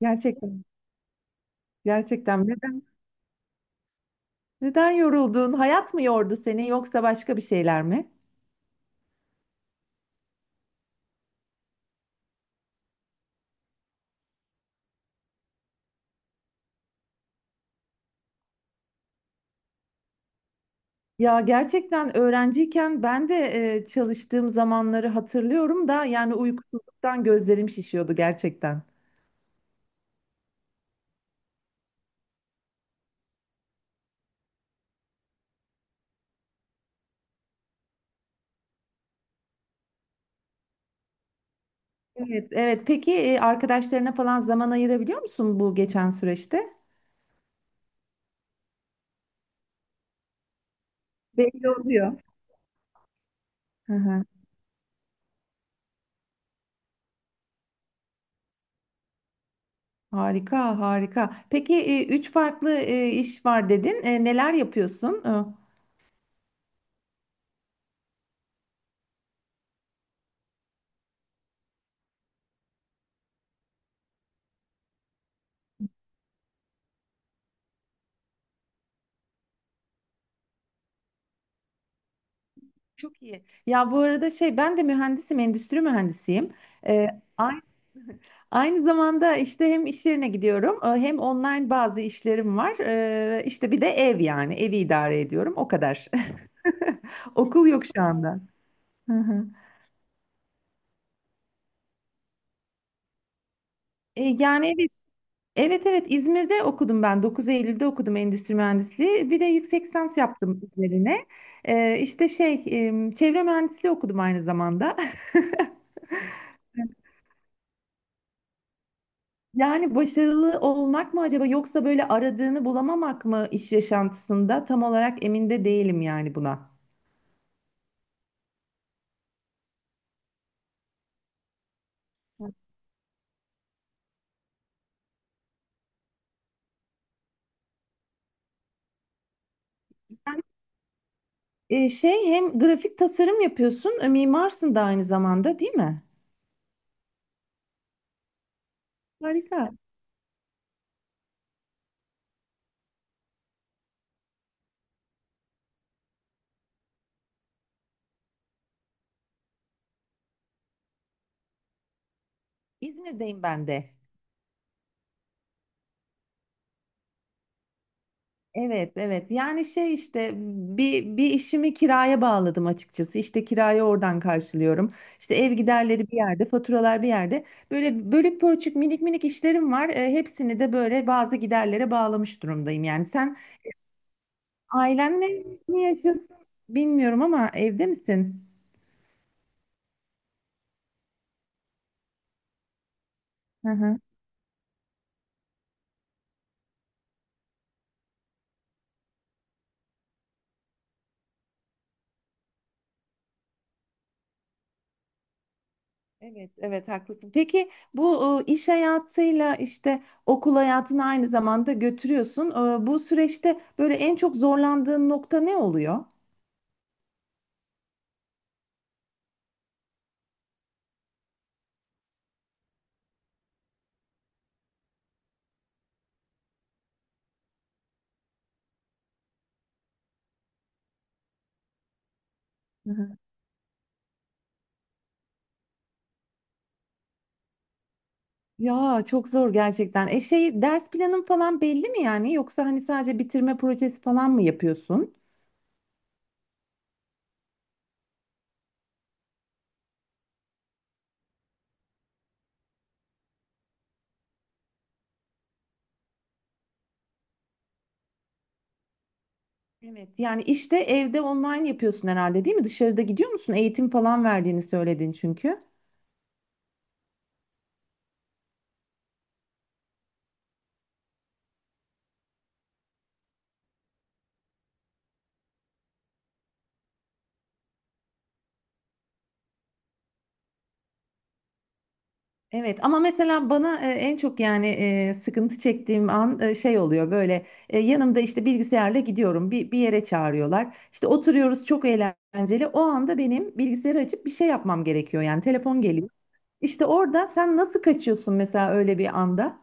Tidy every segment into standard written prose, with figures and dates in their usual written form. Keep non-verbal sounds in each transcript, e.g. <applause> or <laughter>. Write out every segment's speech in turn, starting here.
Gerçekten. Gerçekten. Neden? Neden yoruldun? Hayat mı yordu seni yoksa başka bir şeyler mi? Ya gerçekten öğrenciyken ben de çalıştığım zamanları hatırlıyorum da yani uykusuzluktan gözlerim şişiyordu gerçekten. Evet, evet. Peki arkadaşlarına falan zaman ayırabiliyor musun bu geçen süreçte? Belli oluyor. Hı hı. Harika, harika. Peki üç farklı iş var dedin. Neler yapıyorsun? Çok iyi. Ya bu arada şey ben de mühendisim, endüstri mühendisiyim. E, ay- Aynı zamanda işte hem iş yerine gidiyorum, hem online bazı işlerim var. İşte bir de ev yani evi idare ediyorum. O kadar. <laughs> Okul yok şu anda. Hı hı. Yani, evet, evet, İzmir'de okudum ben. 9 Eylül'de okudum endüstri mühendisliği. Bir de yüksek lisans yaptım üzerine. İşte şey çevre mühendisliği okudum aynı zamanda. <laughs> Yani başarılı olmak mı acaba yoksa böyle aradığını bulamamak mı iş yaşantısında tam olarak emin de değilim yani buna. Şey hem grafik tasarım yapıyorsun, mimarsın da aynı zamanda değil mi? Harika. İzmir'deyim ben de. Evet, evet. Yani, şey işte bir işimi kiraya bağladım açıkçası. İşte kirayı oradan karşılıyorum. İşte ev giderleri bir yerde, faturalar bir yerde. Böyle bölük pörçük minik minik işlerim var. Hepsini de böyle bazı giderlere bağlamış durumdayım. Yani sen ailenle mi yaşıyorsun bilmiyorum ama evde misin? Evet, evet haklısın. Peki bu iş hayatıyla işte okul hayatını aynı zamanda götürüyorsun. Bu süreçte böyle en çok zorlandığın nokta ne oluyor? Hı. Ya çok zor gerçekten. E şey ders planın falan belli mi yani? Yoksa hani sadece bitirme projesi falan mı yapıyorsun? Evet, yani işte evde online yapıyorsun herhalde değil mi? Dışarıda gidiyor musun? Eğitim falan verdiğini söyledin çünkü. Evet, ama mesela bana en çok yani sıkıntı çektiğim an şey oluyor böyle yanımda işte bilgisayarla gidiyorum bir yere çağırıyorlar işte oturuyoruz çok eğlenceli o anda benim bilgisayarı açıp bir şey yapmam gerekiyor yani telefon geliyor. İşte orada sen nasıl kaçıyorsun mesela öyle bir anda?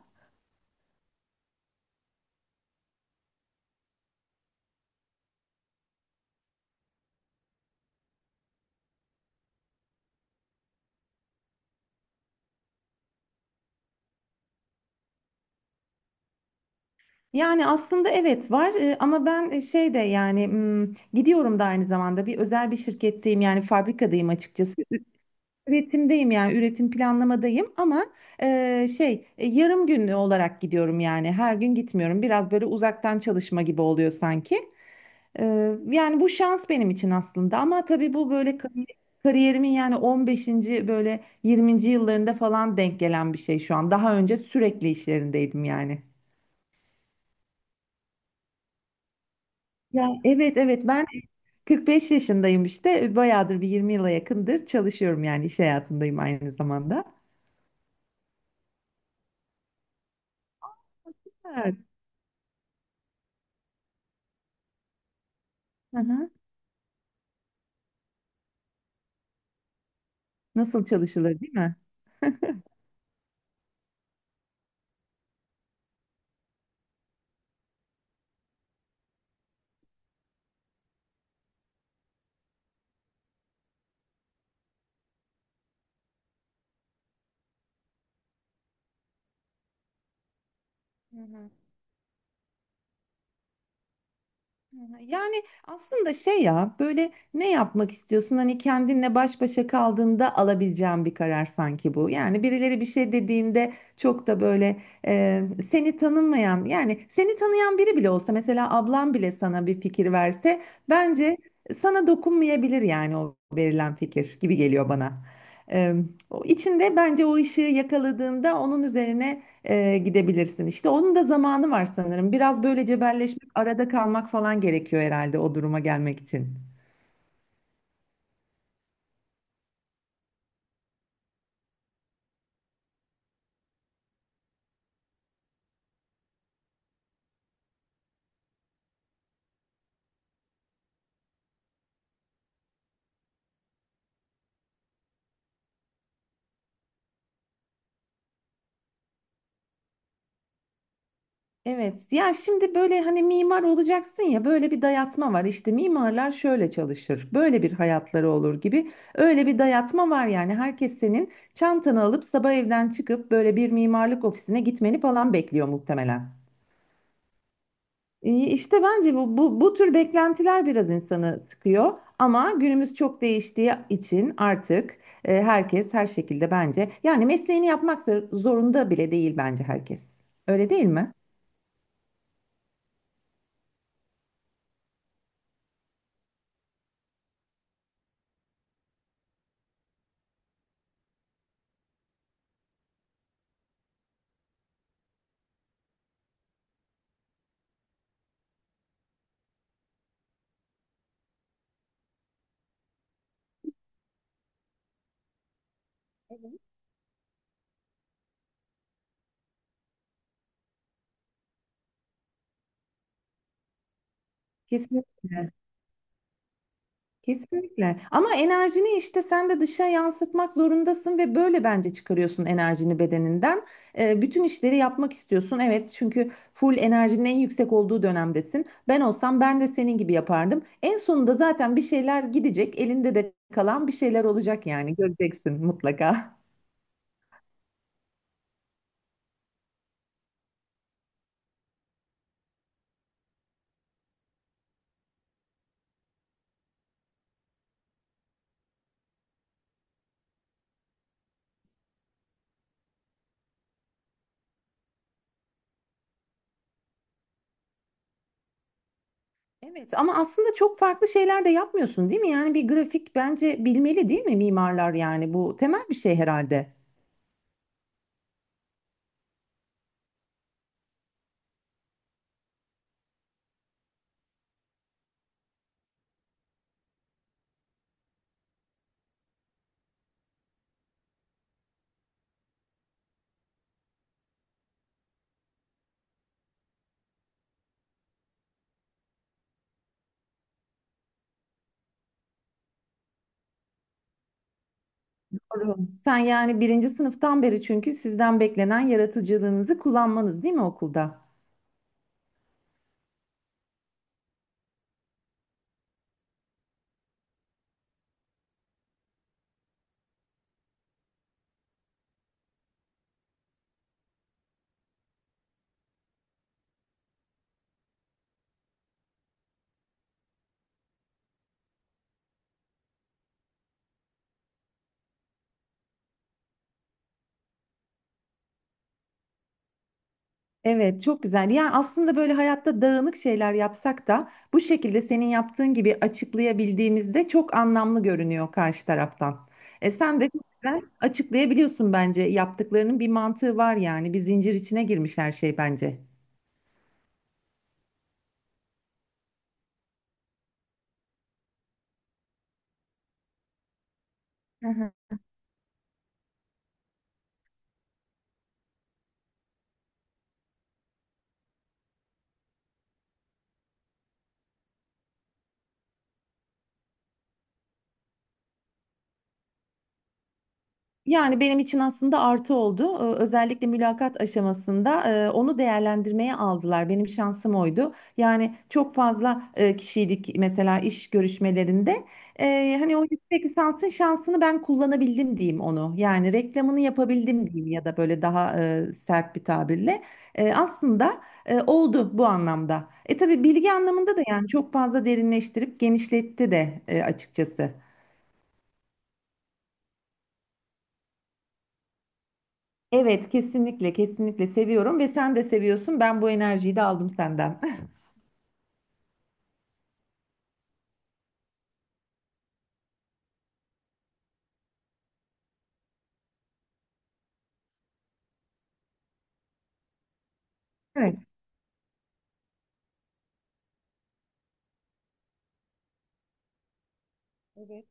Yani aslında evet var ama ben şey de yani gidiyorum da aynı zamanda bir özel bir şirketteyim yani fabrikadayım açıkçası. Üretimdeyim yani üretim planlamadayım ama şey yarım günlü olarak gidiyorum yani her gün gitmiyorum biraz böyle uzaktan çalışma gibi oluyor sanki. Yani bu şans benim için aslında ama tabii bu böyle kariyerimin yani 15. böyle 20. yıllarında falan denk gelen bir şey şu an daha önce sürekli işlerindeydim yani. Ya, evet, evet, ben 45 yaşındayım işte bayağıdır bir 20 yıla yakındır çalışıyorum yani iş hayatındayım aynı zamanda. Evet. Hı hı. Nasıl çalışılır değil mi? Hı hı. Hı hı. Yani aslında şey ya böyle ne yapmak istiyorsun? Hani kendinle baş başa kaldığında alabileceğin bir karar sanki bu. Yani birileri bir şey dediğinde çok da böyle seni tanımayan yani seni tanıyan biri bile olsa mesela ablan bile sana bir fikir verse bence sana dokunmayabilir yani o verilen fikir gibi geliyor bana. E, o içinde bence o ışığı yakaladığında onun üzerine gidebilirsin işte. Onun da zamanı var sanırım. Biraz böyle cebelleşmek, arada kalmak falan gerekiyor herhalde o duruma gelmek için. Evet. Ya şimdi böyle hani mimar olacaksın ya böyle bir dayatma var. İşte mimarlar şöyle çalışır. Böyle bir hayatları olur gibi. Öyle bir dayatma var yani. Herkes senin çantanı alıp sabah evden çıkıp böyle bir mimarlık ofisine gitmeni falan bekliyor muhtemelen. İyi, İşte bence bu tür beklentiler biraz insanı sıkıyor. Ama günümüz çok değiştiği için artık herkes her şekilde bence yani mesleğini yapmak zorunda bile değil bence herkes. Öyle değil mi? Kesinlikle. Kesinlikle. Ama enerjini işte sen de dışa yansıtmak zorundasın ve böyle bence çıkarıyorsun enerjini bedeninden. Bütün işleri yapmak istiyorsun. Evet, çünkü full enerjinin en yüksek olduğu dönemdesin. Ben olsam ben de senin gibi yapardım. En sonunda zaten bir şeyler gidecek, elinde de kalan bir şeyler olacak yani göreceksin mutlaka. Evet, ama aslında çok farklı şeyler de yapmıyorsun, değil mi? Yani bir grafik bence bilmeli, değil mi mimarlar yani bu temel bir şey herhalde. Doğru. Sen yani birinci sınıftan beri çünkü sizden beklenen yaratıcılığınızı kullanmanız değil mi okulda? Evet, çok güzel. Yani aslında böyle hayatta dağınık şeyler yapsak da bu şekilde senin yaptığın gibi açıklayabildiğimizde çok anlamlı görünüyor karşı taraftan. Sen de çok güzel açıklayabiliyorsun bence. Yaptıklarının bir mantığı var yani. Bir zincir içine girmiş her şey bence. Yani benim için aslında artı oldu. Özellikle mülakat aşamasında onu değerlendirmeye aldılar. Benim şansım oydu. Yani çok fazla kişiydik mesela iş görüşmelerinde. Hani o yüksek lisansın şansını ben kullanabildim diyeyim onu. Yani reklamını yapabildim diyeyim ya da böyle daha sert bir tabirle. Aslında oldu bu anlamda. Tabii bilgi anlamında da yani çok fazla derinleştirip genişletti de açıkçası. Evet, kesinlikle, kesinlikle seviyorum ve sen de seviyorsun. Ben bu enerjiyi de aldım senden. <laughs> Evet. Evet.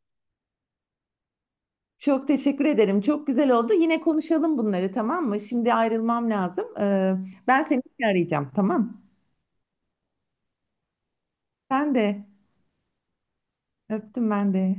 Çok teşekkür ederim. Çok güzel oldu. Yine konuşalım bunları, tamam mı? Şimdi ayrılmam lazım. Ben seni arayacağım, tamam? Ben de öptüm ben de.